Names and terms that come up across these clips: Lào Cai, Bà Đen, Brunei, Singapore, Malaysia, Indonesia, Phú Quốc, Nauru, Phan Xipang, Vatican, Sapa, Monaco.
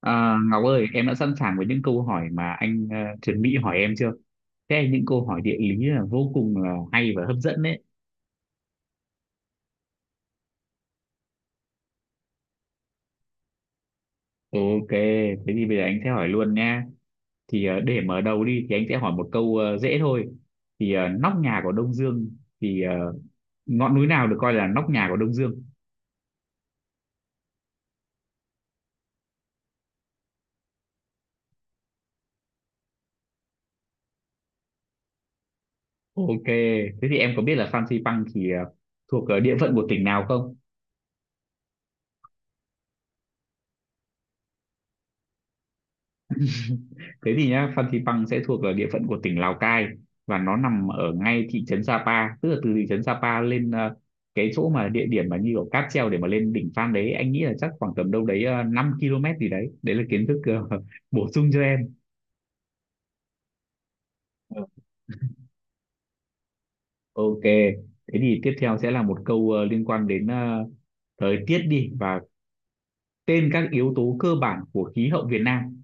À, Ngọc ơi, em đã sẵn sàng với những câu hỏi mà anh chuẩn bị hỏi em chưa? Thế những câu hỏi địa lý là vô cùng là hay và hấp dẫn đấy. Ok, thế thì bây giờ anh sẽ hỏi luôn nha. Để mở đầu đi thì anh sẽ hỏi một câu dễ thôi. Nóc nhà của Đông Dương thì ờ, ngọn núi nào được coi là nóc nhà của Đông Dương? Ok, thế thì em có biết là Phan Xipang thuộc địa phận của tỉnh nào không? Thế thì nhá, Phan Xipang sẽ thuộc ở địa phận của tỉnh Lào Cai và nó nằm ở ngay thị trấn Sapa, tức là từ thị trấn Sapa lên cái chỗ mà địa điểm mà như kiểu cáp treo để mà lên đỉnh Phan đấy, anh nghĩ là chắc khoảng tầm đâu đấy 5 km gì đấy. Đấy là kiến thức bổ sung cho em. Ừ. Ok, thế thì tiếp theo sẽ là một câu liên quan đến thời tiết đi, và tên các yếu tố cơ bản của khí hậu Việt Nam.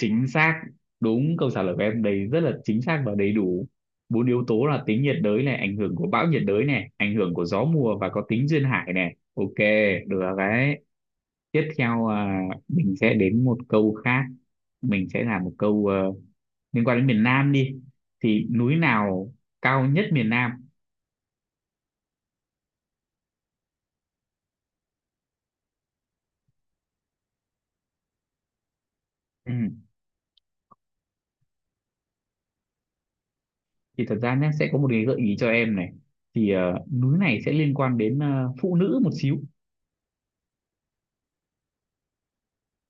Chính xác, đúng câu trả lời của em đấy rất là chính xác và đầy đủ, bốn yếu tố là tính nhiệt đới này, ảnh hưởng của bão nhiệt đới này, ảnh hưởng của gió mùa và có tính duyên hải này. Ok, được rồi đấy. Tiếp theo, à, mình sẽ đến một câu khác, mình sẽ làm một câu liên quan đến miền Nam đi, thì núi nào cao nhất miền Nam? Ừ. Thì thật ra nhé, sẽ có một cái gợi ý cho em này, thì núi này sẽ liên quan đến phụ nữ một xíu.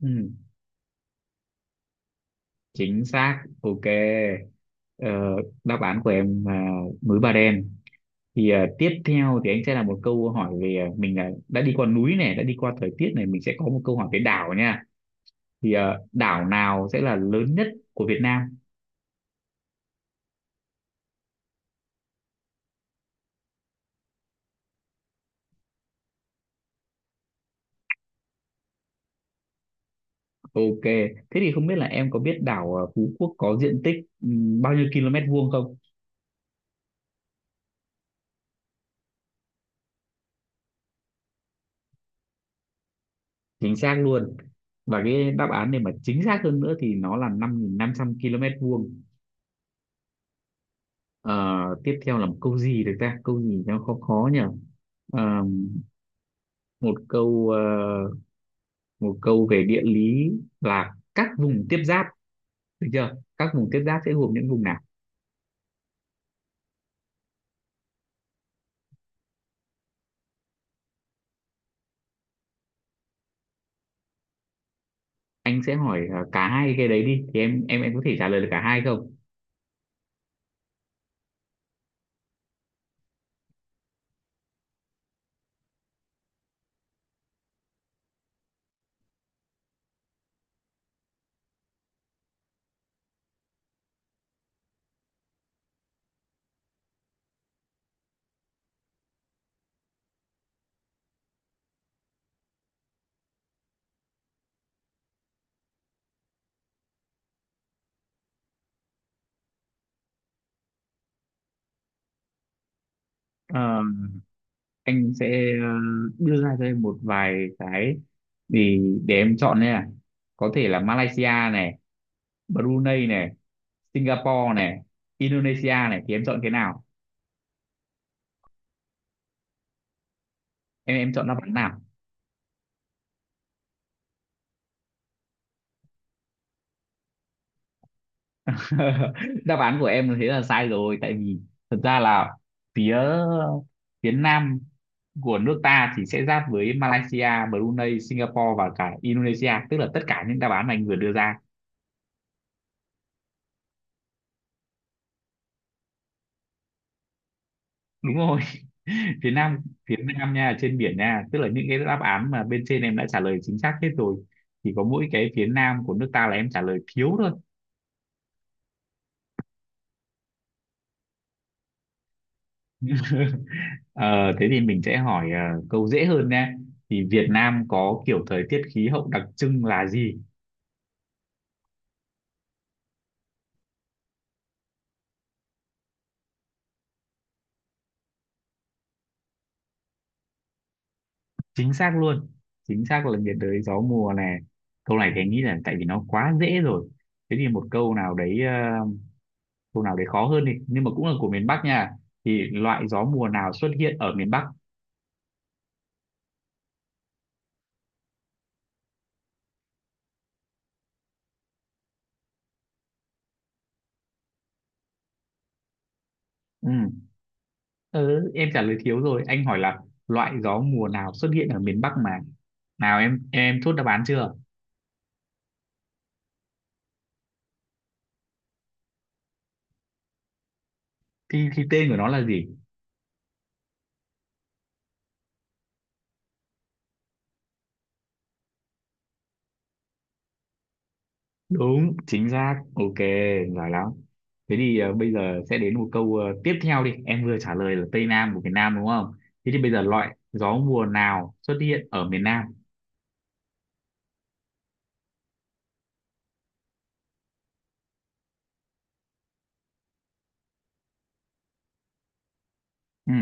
Ừ. Chính xác, ok. Ờ, đáp án của em là núi Bà Đen. Tiếp theo thì anh sẽ là một câu hỏi về mình là đã đi qua núi này, đã đi qua thời tiết này, mình sẽ có một câu hỏi về đảo nha. Đảo nào sẽ là lớn nhất của Việt Nam? Ok, thế thì không biết là em có biết đảo Phú Quốc có diện tích bao nhiêu km vuông không? Chính xác luôn. Và cái đáp án này mà chính xác hơn nữa thì nó là 5.500 km vuông. Ờ, tiếp theo là một câu gì được ta, câu gì nó khó khó nhỉ. Ờ, một câu một câu về địa lý, là các vùng tiếp giáp, được chưa? Các vùng tiếp giáp sẽ gồm những vùng nào? Anh sẽ hỏi cả hai cái đấy đi, thì em có thể trả lời được cả hai không? Ờ, anh sẽ đưa ra cho em một vài cái thì để em chọn nha. Có thể là Malaysia này, Brunei này, Singapore này, Indonesia này, thì em chọn cái nào? Em chọn đáp án nào? Đáp án của em thế là sai rồi, tại vì thật ra là phía phía nam của nước ta thì sẽ giáp với Malaysia, Brunei, Singapore và cả Indonesia, tức là tất cả những đáp án mà anh vừa đưa ra. Đúng rồi. Phía nam, phía nam nha, trên biển nha, tức là những cái đáp án mà bên trên em đã trả lời chính xác hết rồi. Chỉ có mỗi cái phía nam của nước ta là em trả lời thiếu thôi. Ờ, thế thì mình sẽ hỏi câu dễ hơn nha, thì Việt Nam có kiểu thời tiết khí hậu đặc trưng là gì? Chính xác luôn, chính xác là nhiệt đới gió mùa này. Câu này thì anh nghĩ là tại vì nó quá dễ rồi, thế thì một câu nào đấy câu nào đấy khó hơn đi, nhưng mà cũng là của miền Bắc nha, thì loại gió mùa nào xuất hiện ở miền Bắc? Ừ. Ừ, em trả lời thiếu rồi, anh hỏi là loại gió mùa nào xuất hiện ở miền Bắc mà. Nào, em chốt đáp án chưa? Thì tên của nó là gì? Đúng, chính xác, ok, giỏi lắm. Thế thì bây giờ sẽ đến một câu tiếp theo đi, em vừa trả lời là Tây Nam của miền Nam đúng không? Thế thì bây giờ loại gió mùa nào xuất hiện ở miền Nam? Ừ.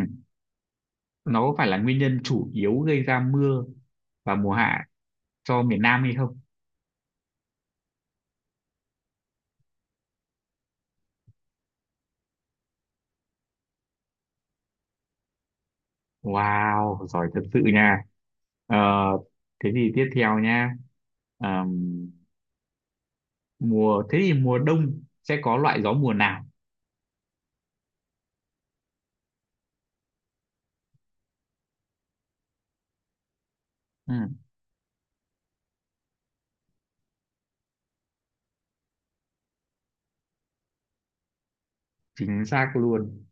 Nó có phải là nguyên nhân chủ yếu gây ra mưa và mùa hạ cho miền Nam hay không? Wow, giỏi thật sự nha. Ờ, thế thì tiếp theo nha. Ờm, Mùa, thế thì mùa đông sẽ có loại gió mùa nào? Ừ. Chính xác luôn.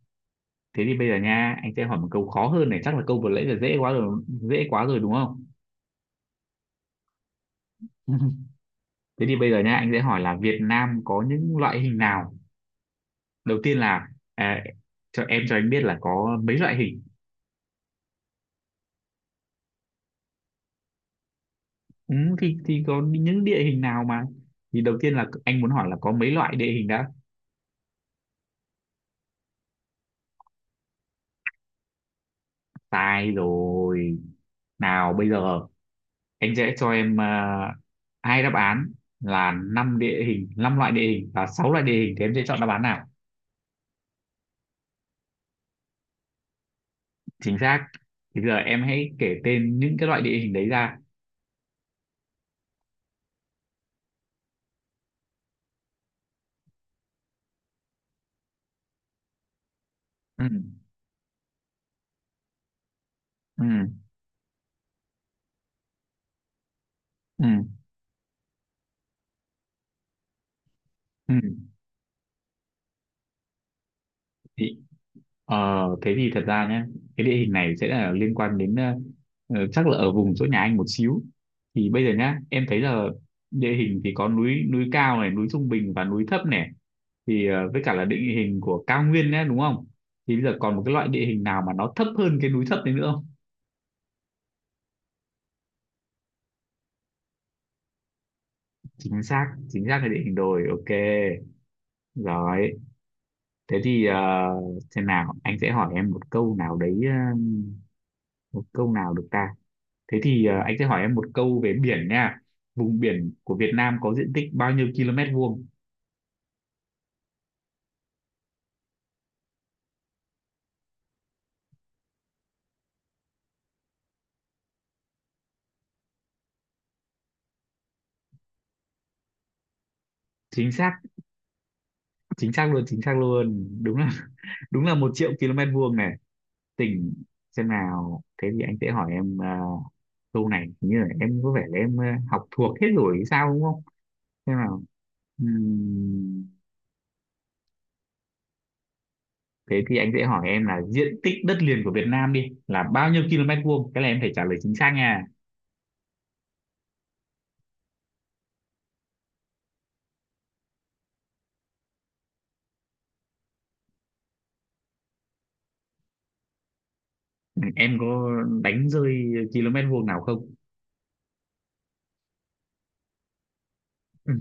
Thế thì bây giờ nha, anh sẽ hỏi một câu khó hơn này, chắc là câu vừa nãy là dễ quá rồi, dễ quá rồi đúng không? Thế thì bây giờ nha, anh sẽ hỏi là Việt Nam có những loại hình nào. Đầu tiên là, à, cho em cho anh biết là có mấy loại hình? Ừ, thì có những địa hình nào mà, thì đầu tiên là anh muốn hỏi là có mấy loại địa hình đã. Sai rồi. Nào bây giờ anh sẽ cho em, à, hai đáp án là năm địa hình, năm loại địa hình và sáu loại địa hình, thì em sẽ chọn đáp án nào? Chính xác. Thì giờ em hãy kể tên những cái loại địa hình đấy ra. Ừ. Ừ. Ừ. Ừ. Thì ờ, thế thì thật ra nhé, cái địa hình này sẽ là liên quan đến chắc là ở vùng chỗ nhà anh một xíu. Thì bây giờ nhá, em thấy là địa hình thì có núi, núi cao này, núi trung bình và núi thấp này, thì với cả là địa hình của cao nguyên nhé, đúng không? Thì bây giờ còn một cái loại địa hình nào mà nó thấp hơn cái núi thấp đấy nữa không? Chính xác, chính xác là địa hình đồi, ok. Rồi, thế thì xem nào, anh sẽ hỏi em một câu nào đấy một câu nào được ta. Thế thì anh sẽ hỏi em một câu về biển nha. Vùng biển của Việt Nam có diện tích bao nhiêu km vuông? Chính xác, chính xác luôn, chính xác luôn, đúng là đúng là một triệu km vuông này. Tỉnh, xem nào, thế thì anh sẽ hỏi em câu này hình như là em có vẻ là em học thuộc hết rồi hay sao đúng không? Xem nào. Ừm, Thế thì anh sẽ hỏi em là diện tích đất liền của Việt Nam đi, là bao nhiêu km vuông, cái này em phải trả lời chính xác nha. Ừ, em có đánh rơi km vuông nào không? Ừ.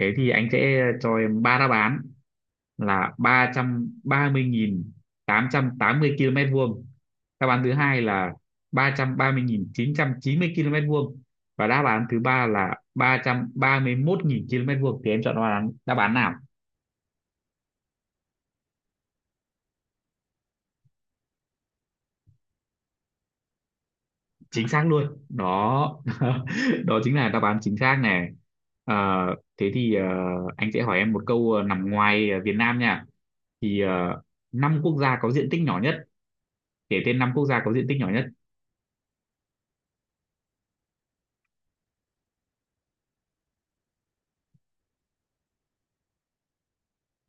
Thế thì anh sẽ cho em ba đáp án, là ba ba trăm trăm mươi nghìn tám trăm tám mươi km vuông, đáp án thứ hai là ba ba trăm trăm mươi nghìn chín trăm chín mươi km vuông, và đáp án thứ ba là ba ba trăm ba mươi mốt nghìn km vuông, thì em chọn đáp án nào? Chính xác luôn đó. Đó chính là đáp án chính xác này. Ờ, thế thì anh sẽ hỏi em một câu nằm ngoài Việt Nam nha. thì ờ, Năm quốc gia có diện tích nhỏ nhất, kể tên năm quốc gia có diện tích nhỏ nhất.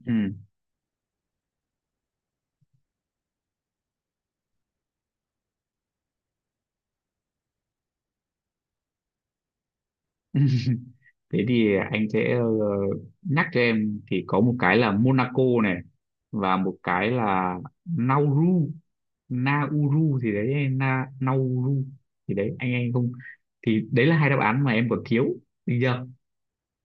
Ừ. Thế thì anh sẽ nhắc cho em, thì có một cái là Monaco này và một cái là Nauru. Nauru thì đấy, Nauru thì đấy, anh không, thì đấy là hai đáp án mà em còn thiếu, được chưa?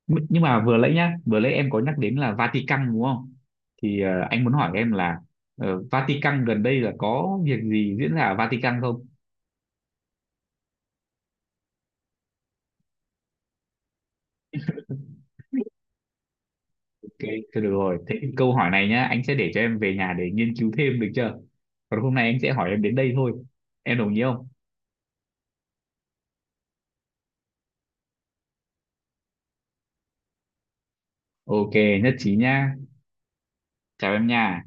Nh- nhưng mà vừa nãy nhá, vừa nãy em có nhắc đến là Vatican đúng không? Thì anh muốn hỏi em là Vatican gần đây là có việc gì diễn ra ở Vatican không? Ok, thôi được rồi, thế thì câu hỏi này nhá, anh sẽ để cho em về nhà để nghiên cứu thêm, được chưa? Còn hôm nay anh sẽ hỏi em đến đây thôi, em đồng ý không? Ok, nhất trí nhá, chào em nha.